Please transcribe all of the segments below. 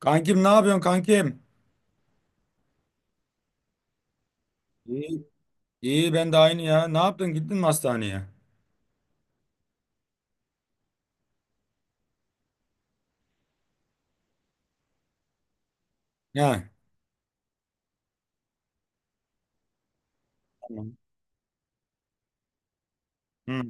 Kankim ne yapıyorsun kankim? İyi. İyi ben de aynı ya. Ne yaptın gittin mi hastaneye? Ya. Tamam. Hı.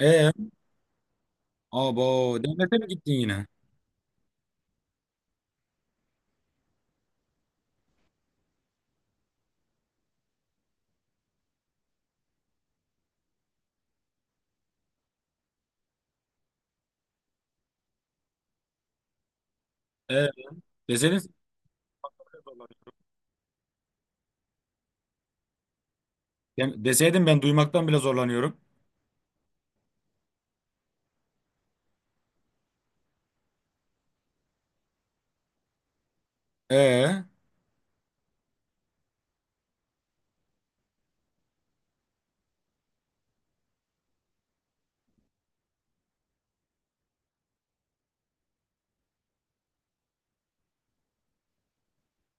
E, Abo devlete mi gittin yine? E, Deseydin, deseydin ben duymaktan bile zorlanıyorum. E,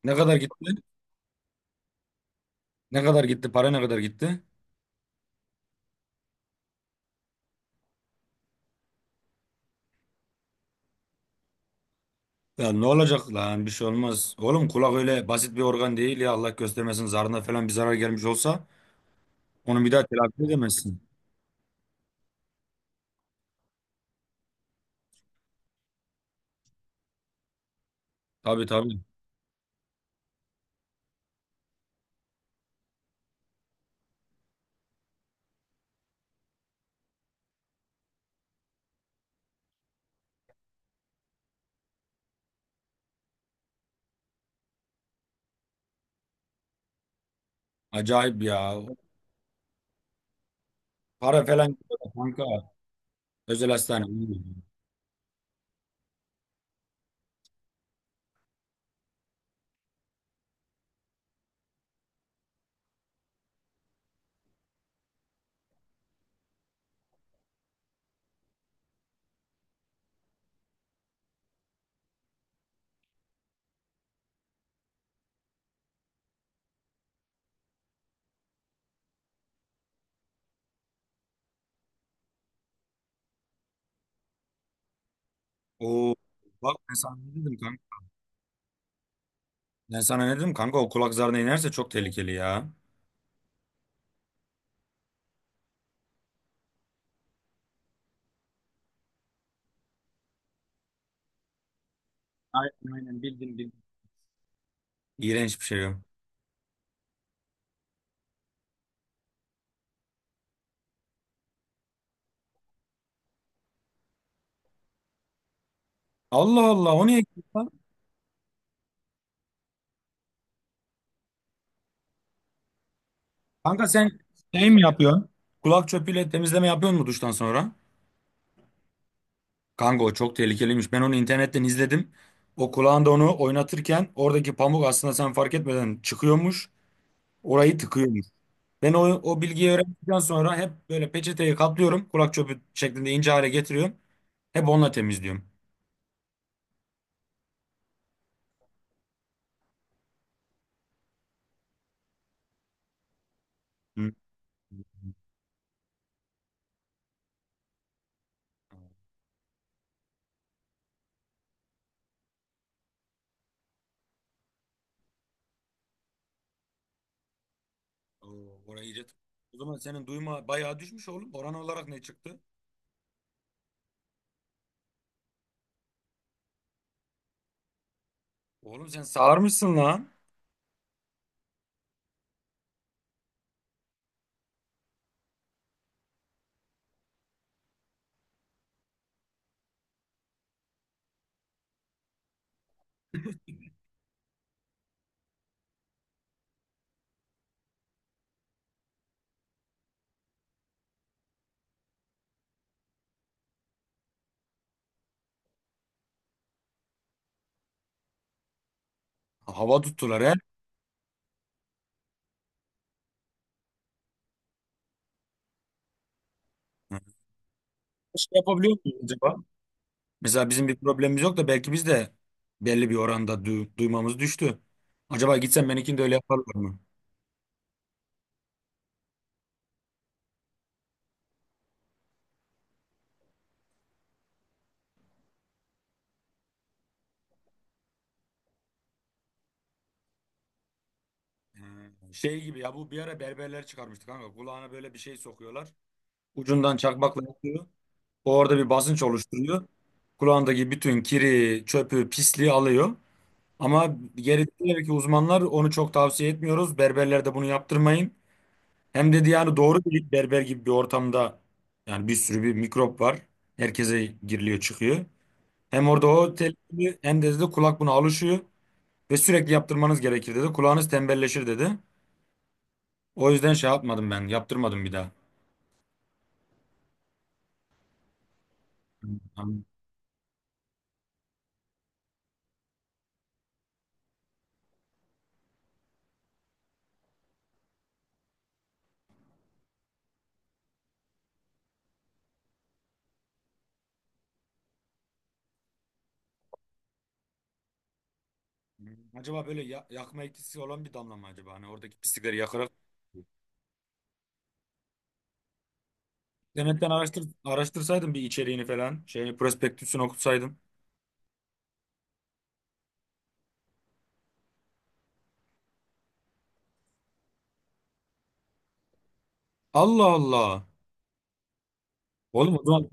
Ne kadar gitti? Ne kadar gitti? Para ne kadar gitti? Ya ne olacak lan, bir şey olmaz. Oğlum kulak öyle basit bir organ değil ya, Allah göstermesin zarına falan bir zarar gelmiş olsa onu bir daha telafi edemezsin. Tabii, tabii. Acayip ya. Para falan gidiyor da kanka. Özel hastane. Hmm. Oo. Bak ben sana ne dedim kanka? Ben sana ne dedim kanka? O kulak zarına inerse çok tehlikeli ya. Aynen, aynen, bildim, bildim. İğrenç bir şey o. Allah Allah, o niye eksik lan? Kanka sen şey mi yapıyorsun? Kulak çöpüyle temizleme yapıyor mu duştan sonra? Kanka o çok tehlikeliymiş. Ben onu internetten izledim. O kulağında onu oynatırken oradaki pamuk aslında sen fark etmeden çıkıyormuş. Orayı tıkıyormuş. Ben o bilgiyi öğrendikten sonra hep böyle peçeteyi katlıyorum. Kulak çöpü şeklinde ince hale getiriyorum. Hep onunla temizliyorum. Hı. Oo, orayı iyice. O zaman senin duyma bayağı düşmüş oğlum. Oran olarak ne çıktı? Oğlum sen sağırmışsın lan. Hava tuttular he. Hı. Şey yapabiliyor muyuz acaba? Mesela bizim bir problemimiz yok da belki biz de belli bir oranda duymamız düştü. Acaba gitsen benimkini de öyle yaparlar mı? Hı. Şey gibi ya, bu bir ara berberler çıkarmıştı kanka. Kulağına böyle bir şey sokuyorlar. Ucundan çakmakla yapıyor. O orada bir basınç oluşturuyor. Kulağındaki bütün kiri, çöpü, pisliği alıyor. Ama geri dönüyor ki uzmanlar onu çok tavsiye etmiyoruz. Berberler de bunu yaptırmayın. Hem dedi yani doğru değil, berber gibi bir ortamda yani bir sürü bir mikrop var. Herkese giriliyor çıkıyor. Hem orada o tehlikeli, hem de dedi kulak buna alışıyor ve sürekli yaptırmanız gerekir dedi. Kulağınız tembelleşir dedi. O yüzden şey yapmadım, ben yaptırmadım bir daha. Anladım. Acaba böyle yakma etkisi olan bir damla mı acaba? Hani oradaki pislikleri yakarak. İnternetten araştırsaydım bir içeriğini falan. Şey, prospektüsünü okutsaydım. Allah Allah. Oğlum o zaman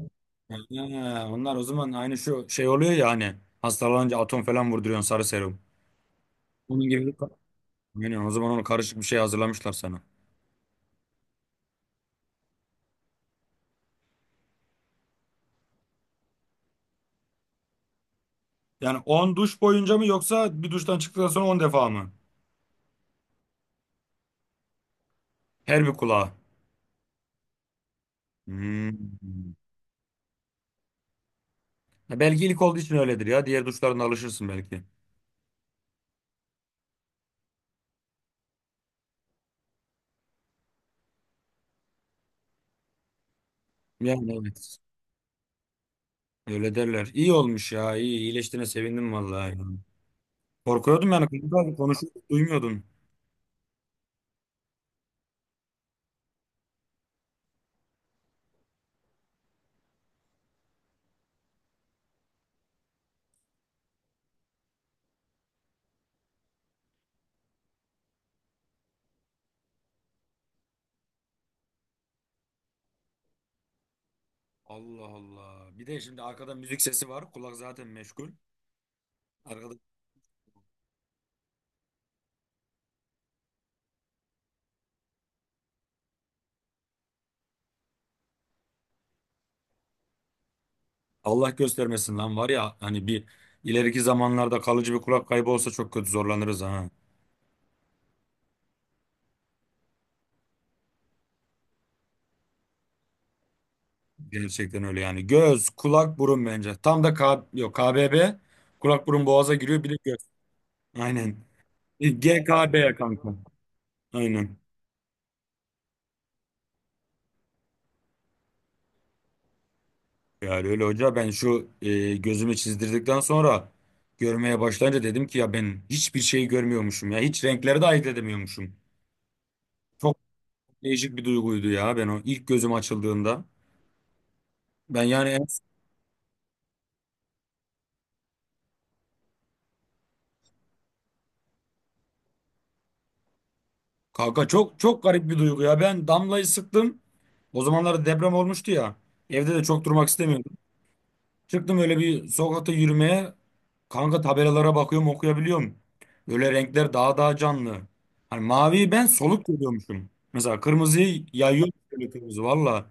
ha, onlar o zaman aynı şu şey oluyor ya hani, hastalanınca atom falan vurduruyorsun sarı serum. Onun gibi. Yani o zaman onu karışık bir şey hazırlamışlar sana. Yani 10 duş boyunca mı yoksa bir duştan çıktıktan sonra 10 defa mı? Her bir kulağa. Hmm. Ya belki ilk olduğu için öyledir ya. Diğer duşlarına alışırsın belki. Yani evet. Öyle derler. İyi olmuş ya. İyi, iyileştiğine sevindim vallahi. Korkuyordum yani. Konuşuyorduk, duymuyordum. Allah Allah. Bir de şimdi arkada müzik sesi var. Kulak zaten meşgul. Arkada Allah göstermesin lan, var ya hani bir ileriki zamanlarda kalıcı bir kulak kaybı olsa çok kötü zorlanırız ha. Gerçekten öyle yani. Göz, kulak, burun bence. Tam da K yok, KBB kulak burun boğaza giriyor, bir de göz. Aynen. GKB kanka. Aynen. Yani öyle hoca, ben şu gözümü çizdirdikten sonra görmeye başlayınca dedim ki ya ben hiçbir şey görmüyormuşum ya. Hiç renkleri de ayırt edemiyormuşum. Çok değişik bir duyguydu ya, ben o ilk gözüm açıldığında. Ben yani kanka çok çok garip bir duygu ya. Ben damlayı sıktım. O zamanlarda deprem olmuştu ya. Evde de çok durmak istemiyordum. Çıktım öyle bir sokakta yürümeye. Kanka tabelalara bakıyorum, okuyabiliyorum. Böyle renkler daha daha canlı. Hani maviyi ben soluk görüyormuşum. Mesela kırmızıyı yayıyor böyle kırmızı valla.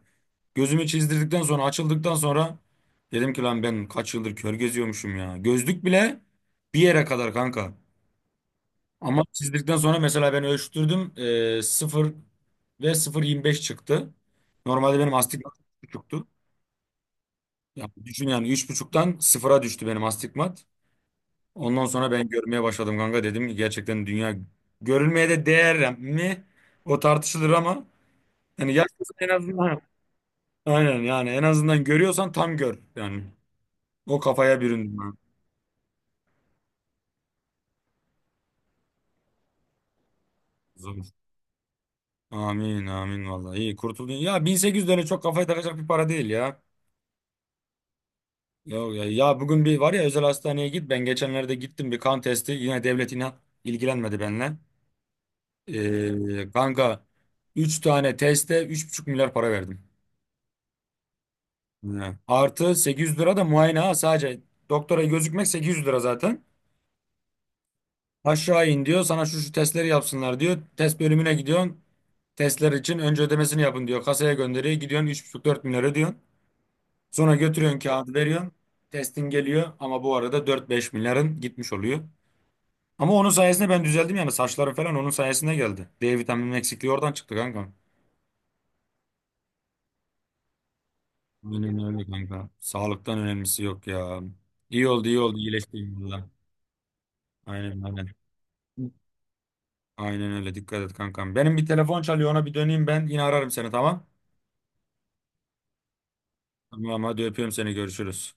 Gözümü çizdirdikten sonra, açıldıktan sonra dedim ki lan ben kaç yıldır kör geziyormuşum ya. Gözlük bile bir yere kadar kanka. Ama çizdikten sonra mesela ben ölçtürdüm. 0 ve 0,25 çıktı. Normalde benim astigmat 3,5'tu. Yani düşün yani, üç buçuktan sıfıra düştü benim astigmat. Ondan sonra ben görmeye başladım kanka, dedim ki gerçekten dünya görülmeye de değer mi? O tartışılır ama yani yaşlısın en azından, aynen yani en azından görüyorsan tam gör yani. O kafaya büründüm ben. Zor. Amin, amin, vallahi iyi kurtuldun. Ya 1800 lira çok kafaya takacak bir para değil ya. Ya, ya, ya bugün bir var ya, özel hastaneye git. Ben geçenlerde gittim bir kan testi. Yine devlet inan ilgilenmedi benimle. Kanka 3 tane teste 3,5 milyar para verdim. He. Artı 800 lira da muayene ha, sadece. Doktora gözükmek 800 lira zaten. Aşağı in diyor sana, şu şu testleri yapsınlar diyor. Test bölümüne gidiyorsun. Testler için önce ödemesini yapın diyor. Kasaya gönderiyor. Gidiyorsun üç buçuk dört milyar ödüyorsun. Sonra götürüyorsun kağıdı veriyorsun. Testin geliyor ama bu arada dört beş milyarın gitmiş oluyor. Ama onun sayesinde ben düzeldim yani, saçlarım falan onun sayesinde geldi. D vitaminin eksikliği oradan çıktı kanka. Aynen öyle kanka. Sağlıktan önemlisi yok ya. İyi oldu, iyi oldu, iyileştim valla. Aynen, aynen. Aynen öyle, dikkat et kankam. Benim bir telefon çalıyor, ona bir döneyim, ben yine ararım seni tamam. Tamam hadi, öpüyorum seni, görüşürüz.